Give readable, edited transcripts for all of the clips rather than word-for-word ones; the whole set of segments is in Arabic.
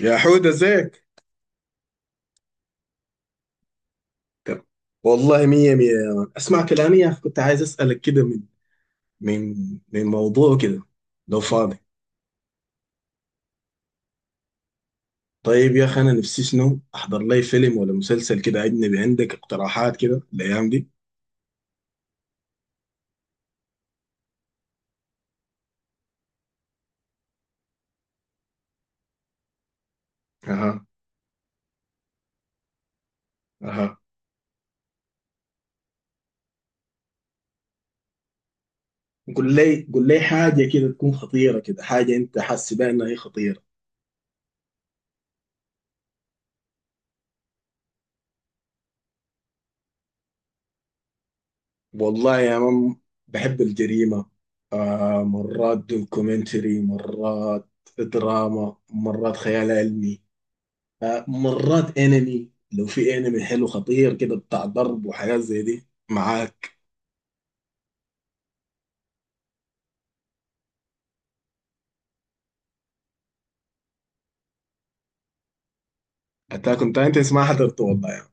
يا حود، ازيك؟ طب، والله مية مية يا مان، اسمع كلامي يا اخي. كنت عايز اسألك كده من من من موضوع كده لو فاضي. طيب يا اخي، انا نفسي شنو احضر لي فيلم ولا مسلسل كده اجنبي. عندك اقتراحات كده الايام دي؟ اها. اها. قول لي قول لي حاجة كده تكون خطيرة، كده حاجة انت حاسس بها انها هي خطيرة. والله يا مان، بحب الجريمة. مرات دوكيومنتري، مرات دراما، مرات خيال علمي، مرات انمي. لو في انمي حلو خطير كده بتاع ضرب وحاجات زي دي معاك. اتاك اون تايتنز ما حضرته والله يعني.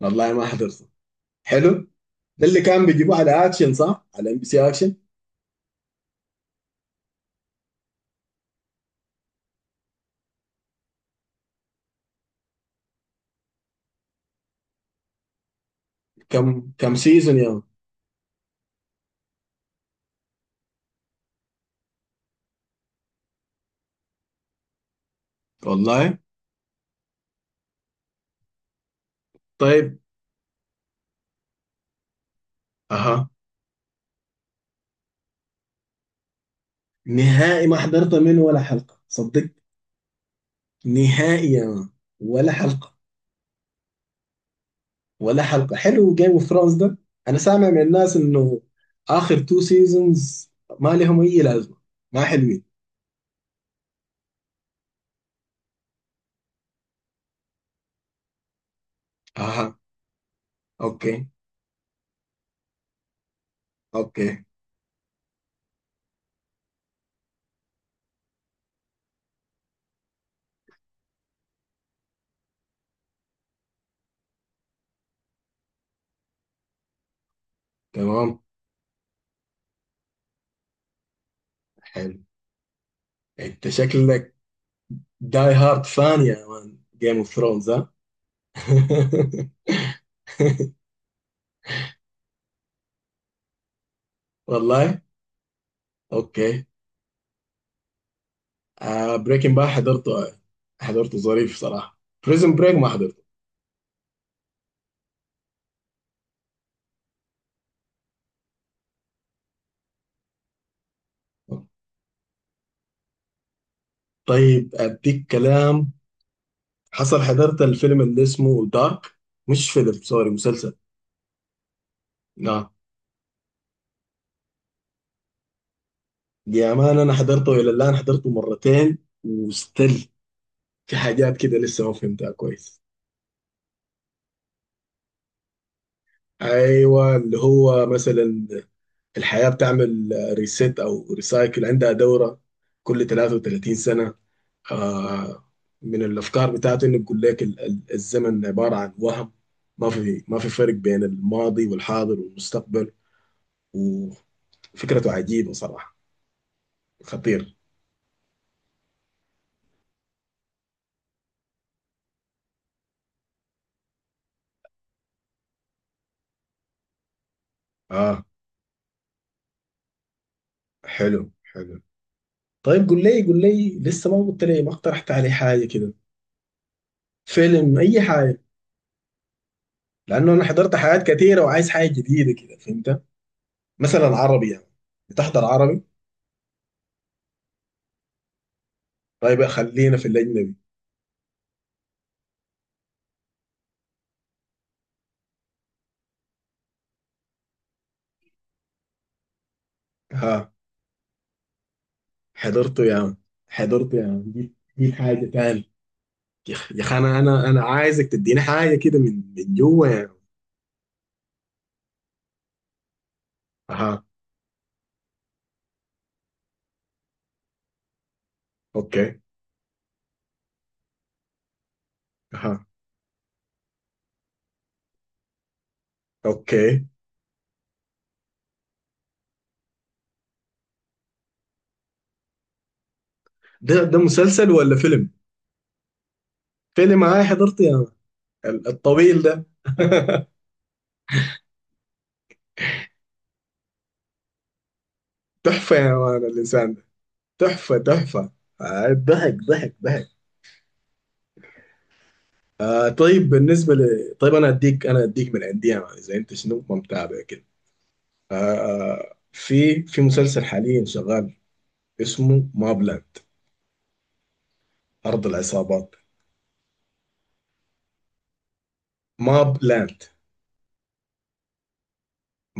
والله ما حضرته. حلو. ده اللي كان بيجيبوه على اكشن، صح؟ على ام بي سي اكشن. كم سيزون يا مان؟ والله. طيب. اها. نهائي ما حضرت منه ولا حلقة، صدق. نهائي يا مان. ولا حلقة. ولا حلقة. حلو جيم اوف ثرونز ده. انا سامع من الناس انه اخر تو سيزونز ما لهم اي لازمة، ما حلوين. اها. اوكي. اوكي. تمام. حلو. انت شكلك داي هارد فان يا مان جيم اوف ثرونز، ها؟ والله. اوكي. آه بريكنج باد، حضرته، حضرته ظريف صراحه. بريزن بريك ما حضرته. طيب اديك كلام حصل. حضرت الفيلم اللي اسمه دارك، مش فيلم، سوري، مسلسل. لا يا مان، انا حضرته الى الان حضرته مرتين. وستيل في حاجات كده لسه ما فهمتها كويس. ايوه، اللي هو مثلا الحياة بتعمل ريسيت أو ريسايكل، عندها دورة كل 33 سنة. آه، من الأفكار بتاعته إنه بيقول لك الزمن عبارة عن وهم. ما في فرق بين الماضي والحاضر والمستقبل. وفكرته عجيبة صراحة. خطير. آه. حلو حلو. طيب قول لي قول لي، لسه ما قلت لي ما اقترحت علي حاجة كده، فيلم أي حاجة، لأنه أنا حضرت حاجات كثيرة وعايز حاجة جديدة كده، فهمت؟ مثلا عربي يعني، بتحضر؟ طيب خلينا في الأجنبي. ها. حضرته يا عم، حضرته يا عم، دي حاجة تاني. يا أخ، يا أخي، أنا عايزك تديني حاجة كده من جوه يعني. ها. أوكي. ها. أوكي. ده مسلسل ولا فيلم؟ فيلم هاي حضرته يا عم، الطويل ده. تحفة يا مان الإنسان ده. تحفة تحفة. ضحك ضحك ضحك. طيب بالنسبة ل طيب، أنا أديك من عندي يا مان، إذا أنت شنو ما متابع كده. آه في مسلسل حاليا شغال، اسمه ماب لاند، أرض العصابات. ماب لاند.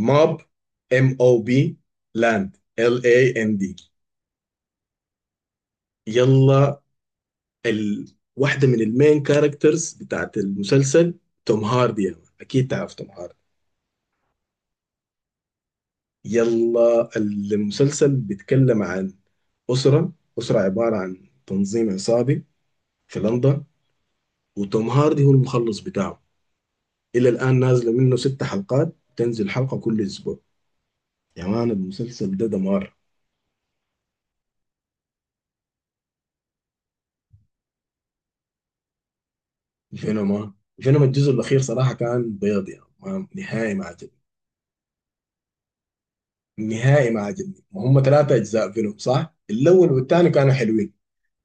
ماب، ام او بي، لاند، ال اي ان دي. يلا، واحدة من المين كاركترز بتاعت المسلسل توم هاردي يا مان. أكيد تعرف توم هاردي. يلا المسلسل بيتكلم عن أسرة، أسرة عبارة عن تنظيم عصابي في لندن، وتوم هاردي هو المخلص بتاعه. إلى الآن نازلة منه 6 حلقات، تنزل حلقة كل أسبوع. يا مان المسلسل ده دمار. فينوما. فينوما الجزء الأخير صراحة كان بيض يعني، ما نهائي ما عجبني. نهائي ما عجبني، وهم 3 أجزاء فينوم، صح؟ الأول والثاني كانوا حلوين.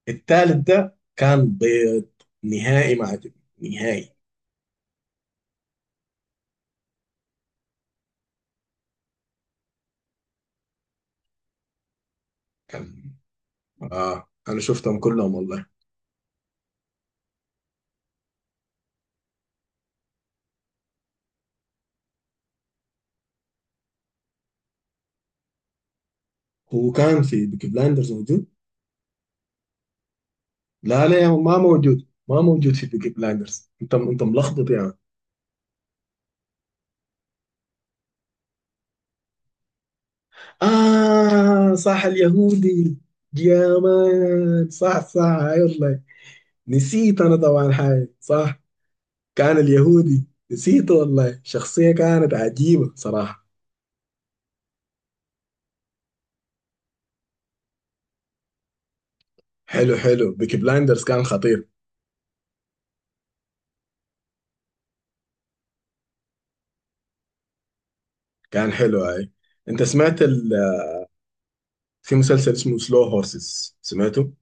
الثالث ده كان بيض. نهائي ما عجبني. نهائي. كان. أنا شفتهم كلهم والله. هو كان في بيكي بلاندرز موجود؟ لا لا يا عم، ما موجود، ما موجود في بيكي بلاندرز. أنت أنت ملخبط يعني. آه صح اليهودي. يا مان صح صح. أي والله، نسيت أنا طبعا حاجة، صح. كان اليهودي، نسيته والله، شخصية كانت عجيبة صراحة. حلو حلو، بيكي بلايندرز كان خطير. كان حلو هاي. انت سمعت في مسلسل اسمه سلو هورسز، سمعته؟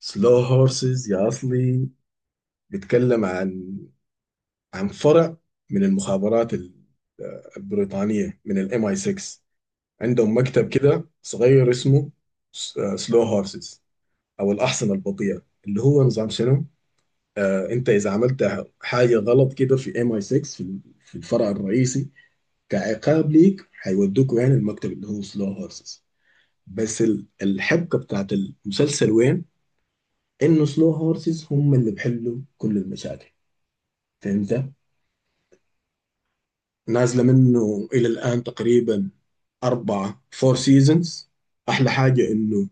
سلو هورسز يا اصلي، بيتكلم عن فرع من المخابرات البريطانية، من الام اي 6. عندهم مكتب كده صغير اسمه سلو هورسز، او الاحصنة البطيئة. اللي هو نظام شنو، انت اذا عملت حاجه غلط كده في ام اي 6، في الفرع الرئيسي، كعقاب ليك هيودوكوا يعني المكتب اللي هو سلو هورسز. بس الحبكه بتاعت المسلسل وين؟ انه سلو هورسز هم اللي بيحلوا كل المشاكل، فهمت؟ نازله منه الى الان تقريبا 4 فور سيزونز. احلى حاجه انه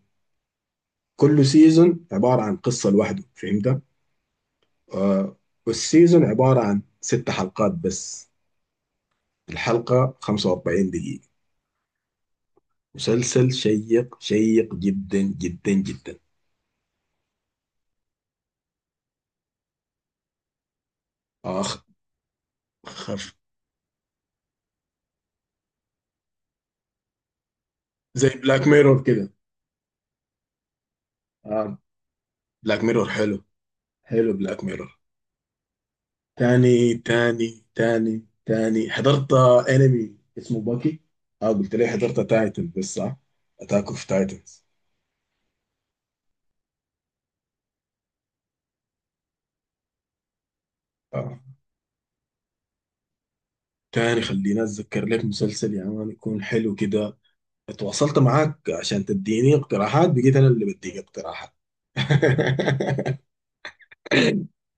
كل سيزون عباره عن قصه لوحده، فهمت؟ آه. والسيزون عباره عن 6 حلقات بس. الحلقة 45 دقيقة. مسلسل شيق شيق جدا جدا جدا. اخ. خف. زي بلاك ميرور كده. آه. بلاك ميرور حلو. حلو بلاك ميرور. تاني تاني تاني تاني حضرت انمي اسمه باكي. اه، قلت لي حضرت تايتن بس، صح؟ اتاك اوف تايتنز. اه. تاني خليني اتذكر لك مسلسل يا مان يكون حلو كده. تواصلت معاك عشان تديني اقتراحات، بقيت انا اللي بديك اقتراحات.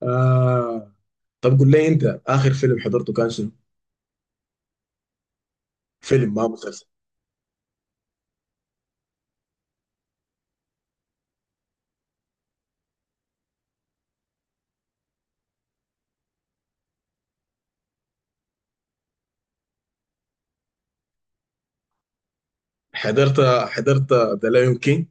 آه. طب قول لي، انت اخر فيلم حضرته كان شنو؟ فيلم ما مسلسل. حضرت حضرت ذا لايون كينج،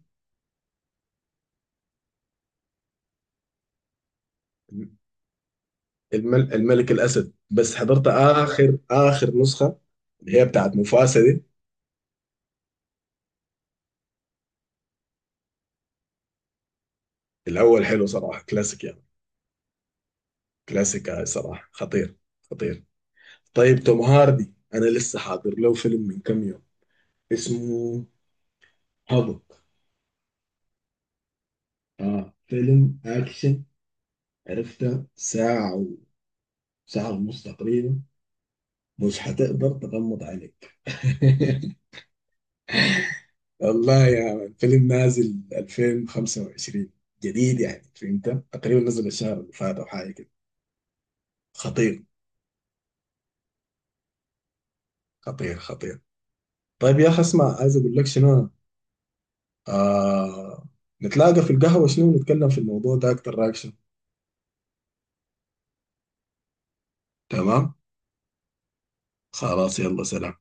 الملك الاسد، بس حضرت اخر نسخه، اللي هي بتاعت مفاسده دي. الاول حلو صراحه كلاسيك يعني. كلاسيك، صراحه خطير. خطير. طيب توم هاردي، انا لسه حاضر له فيلم من كم يوم، اسمه هابوك. اه فيلم اكشن. عرفته ساعه ونص تقريبا. مش حتقدر تغمض عليك. والله يا، الفيلم نازل 2025، جديد يعني فهمت، تقريبا نزل الشهر اللي فات او حاجه كده. خطير خطير خطير. طيب يا اخي اسمع، عايز اقول لك شنو. آه... نتلاقى في القهوه شنو، نتكلم في الموضوع ده اكتر اكشن. تمام. خلاص يلا سلام.